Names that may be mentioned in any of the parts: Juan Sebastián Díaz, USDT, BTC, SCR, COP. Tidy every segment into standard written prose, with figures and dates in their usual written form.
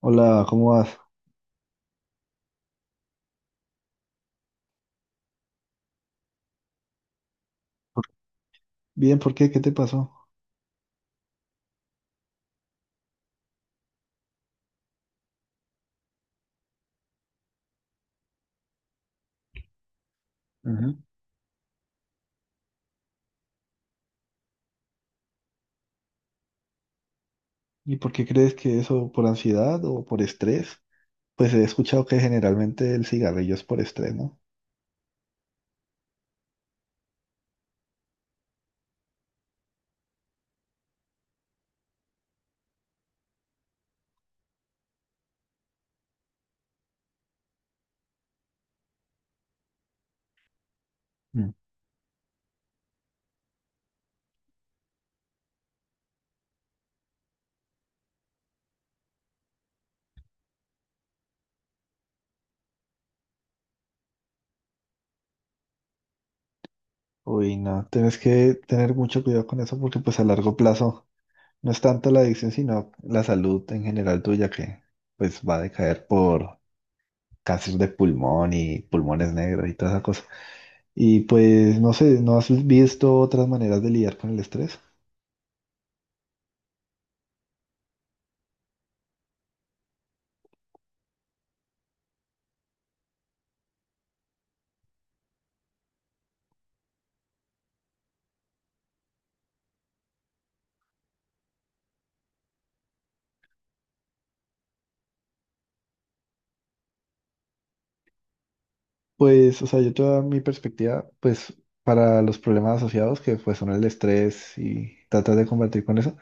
Hola, ¿cómo vas? Bien, ¿por qué? ¿Qué te pasó? Ujú. ¿Y por qué crees que eso por ansiedad o por estrés? Pues he escuchado que generalmente el cigarrillo es por estrés, ¿no? Mm. Uy, no, tienes que tener mucho cuidado con eso porque pues a largo plazo no es tanto la adicción, sino la salud en general tuya que pues va a decaer por cáncer de pulmón y pulmones negros y toda esa cosa. Y pues no sé, ¿no has visto otras maneras de lidiar con el estrés? Pues, o sea, yo toda mi perspectiva, pues, para los problemas asociados, que pues son el estrés y tratas de combatir con eso,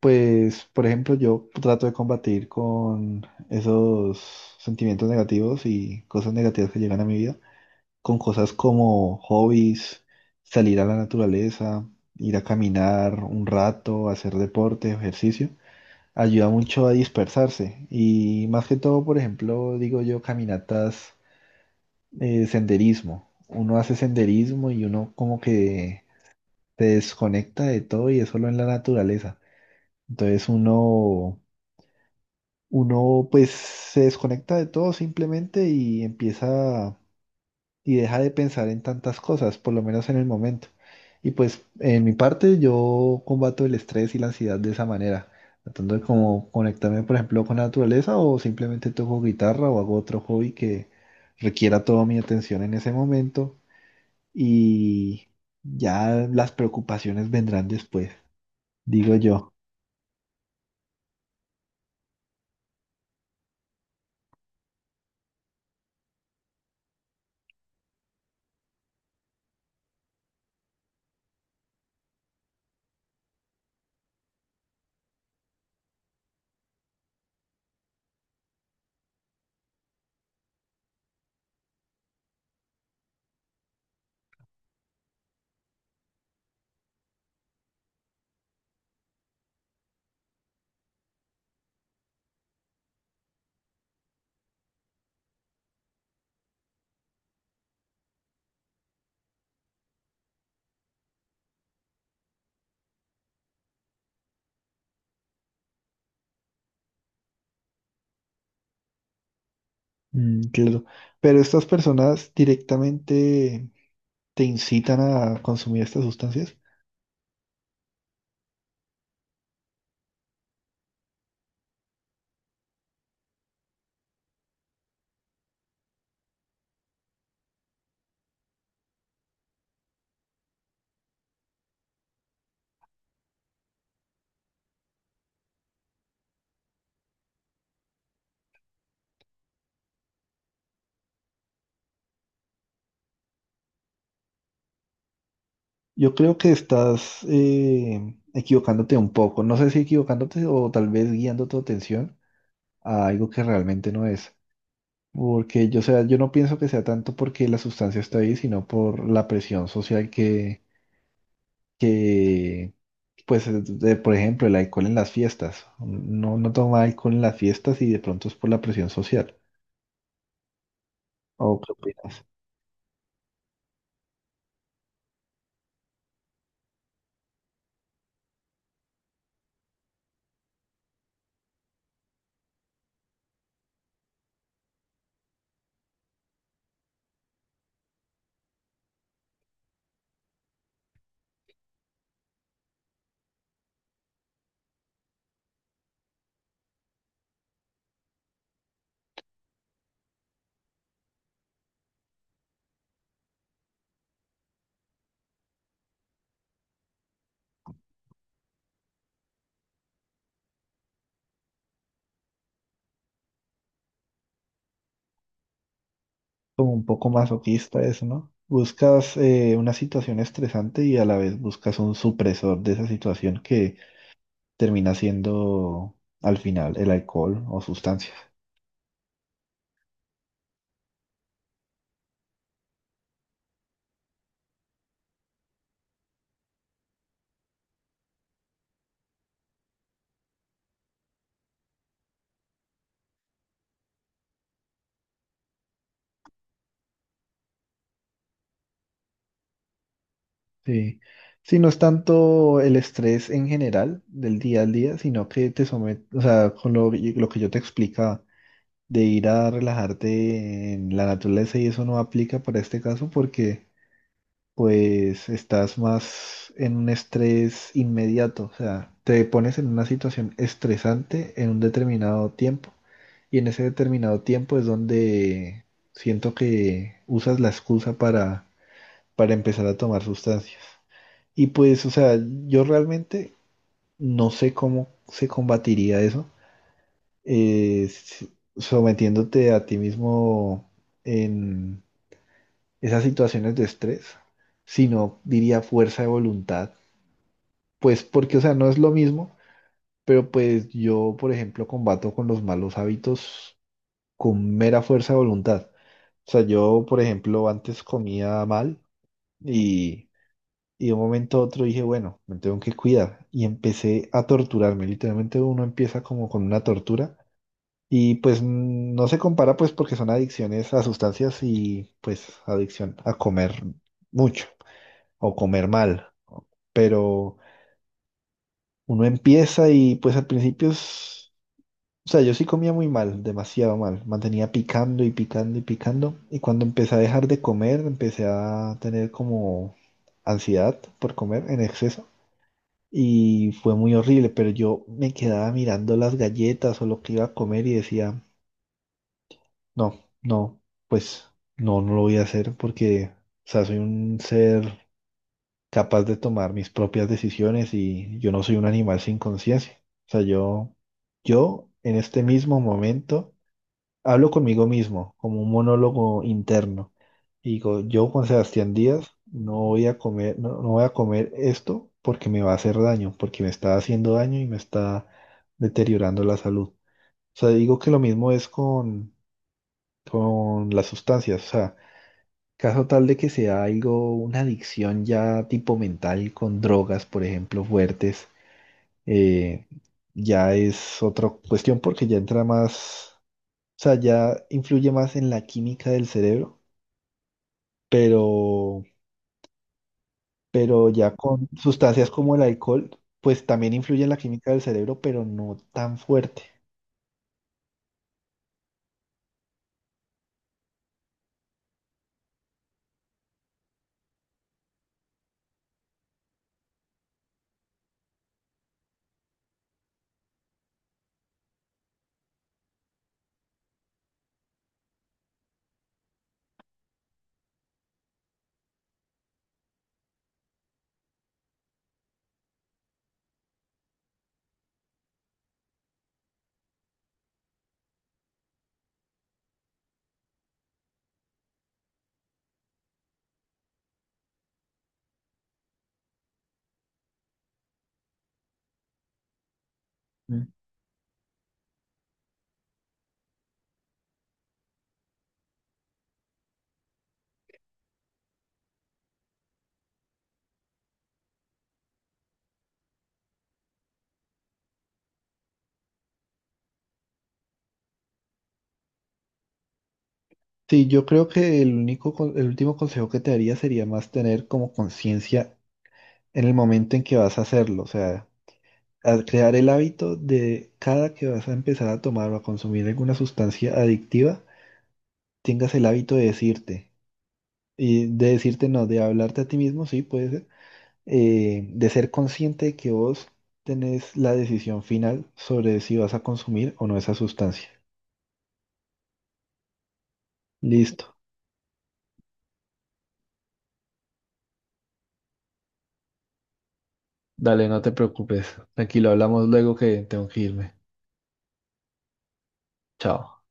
pues, por ejemplo, yo trato de combatir con esos sentimientos negativos y cosas negativas que llegan a mi vida, con cosas como hobbies, salir a la naturaleza, ir a caminar un rato, hacer deporte, ejercicio, ayuda mucho a dispersarse y más que todo, por ejemplo, digo yo, caminatas, senderismo. Uno hace senderismo y uno como que se desconecta de todo y es solo en la naturaleza. Entonces uno pues se desconecta de todo simplemente y empieza y deja de pensar en tantas cosas, por lo menos en el momento. Y pues en mi parte yo combato el estrés y la ansiedad de esa manera, tratando de como conectarme por ejemplo con la naturaleza o simplemente toco guitarra o hago otro hobby que requiera toda mi atención en ese momento y ya las preocupaciones vendrán después, digo yo. Mm, claro. Pero estas personas directamente te incitan a consumir estas sustancias. Yo creo que estás equivocándote un poco. No sé si equivocándote o tal vez guiando tu atención a algo que realmente no es. Porque yo, o sea, yo no pienso que sea tanto porque la sustancia está ahí, sino por la presión social que, pues, por ejemplo, el alcohol en las fiestas. No, no toma alcohol en las fiestas y de pronto es por la presión social. ¿O qué opinas? Como un poco masoquista eso, ¿no? Buscas una situación estresante y a la vez buscas un supresor de esa situación que termina siendo al final el alcohol o sustancias. Sí. Sí, no es tanto el estrés en general del día al día, sino que te somete, o sea, con lo que yo te explica de ir a relajarte en la naturaleza y eso no aplica para este caso porque pues estás más en un estrés inmediato, o sea, te pones en una situación estresante en un determinado tiempo y en ese determinado tiempo es donde siento que usas la excusa para empezar a tomar sustancias. Y pues, o sea, yo realmente no sé cómo se combatiría eso eh, s- sometiéndote a ti mismo en esas situaciones de estrés, sino diría fuerza de voluntad. Pues porque, o sea, no es lo mismo, pero pues yo, por ejemplo, combato con los malos hábitos con mera fuerza de voluntad. O sea, yo, por ejemplo, antes comía mal y, y de un momento a otro dije, bueno, me tengo que cuidar. Y empecé a torturarme. Literalmente uno empieza como con una tortura. Y pues no se compara pues porque son adicciones a sustancias y pues adicción a comer mucho o comer mal. Pero uno empieza y pues al principio es... O sea, yo sí comía muy mal, demasiado mal. Mantenía picando y picando y picando. Y cuando empecé a dejar de comer, empecé a tener como ansiedad por comer en exceso. Y fue muy horrible, pero yo me quedaba mirando las galletas o lo que iba a comer y decía... No, no, pues no lo voy a hacer porque, o sea, soy un ser capaz de tomar mis propias decisiones y yo no soy un animal sin conciencia. O sea, yo en este mismo momento hablo conmigo mismo como un monólogo interno y digo, yo Juan Sebastián Díaz no voy a comer, no voy a comer esto porque me va a hacer daño, porque me está haciendo daño y me está deteriorando la salud. O sea, digo que lo mismo es con las sustancias. O sea, caso tal de que sea algo, una adicción ya tipo mental con drogas, por ejemplo, fuertes, eh, ya es otra cuestión porque ya entra más, o sea, ya influye más en la química del cerebro, pero, pero ya con sustancias como el alcohol, pues también influye en la química del cerebro, pero no tan fuerte. ¿Mm? Sí, yo creo que el único, el último consejo que te daría sería más tener como conciencia en el momento en que vas a hacerlo, o sea, a crear el hábito de cada que vas a empezar a tomar o a consumir alguna sustancia adictiva, tengas el hábito de decirte, y de decirte no, de hablarte a ti mismo, sí, puede ser, de ser consciente de que vos tenés la decisión final sobre si vas a consumir o no esa sustancia. Listo. Dale, no te preocupes. Tranquilo, hablamos luego que tengo que irme. Chao.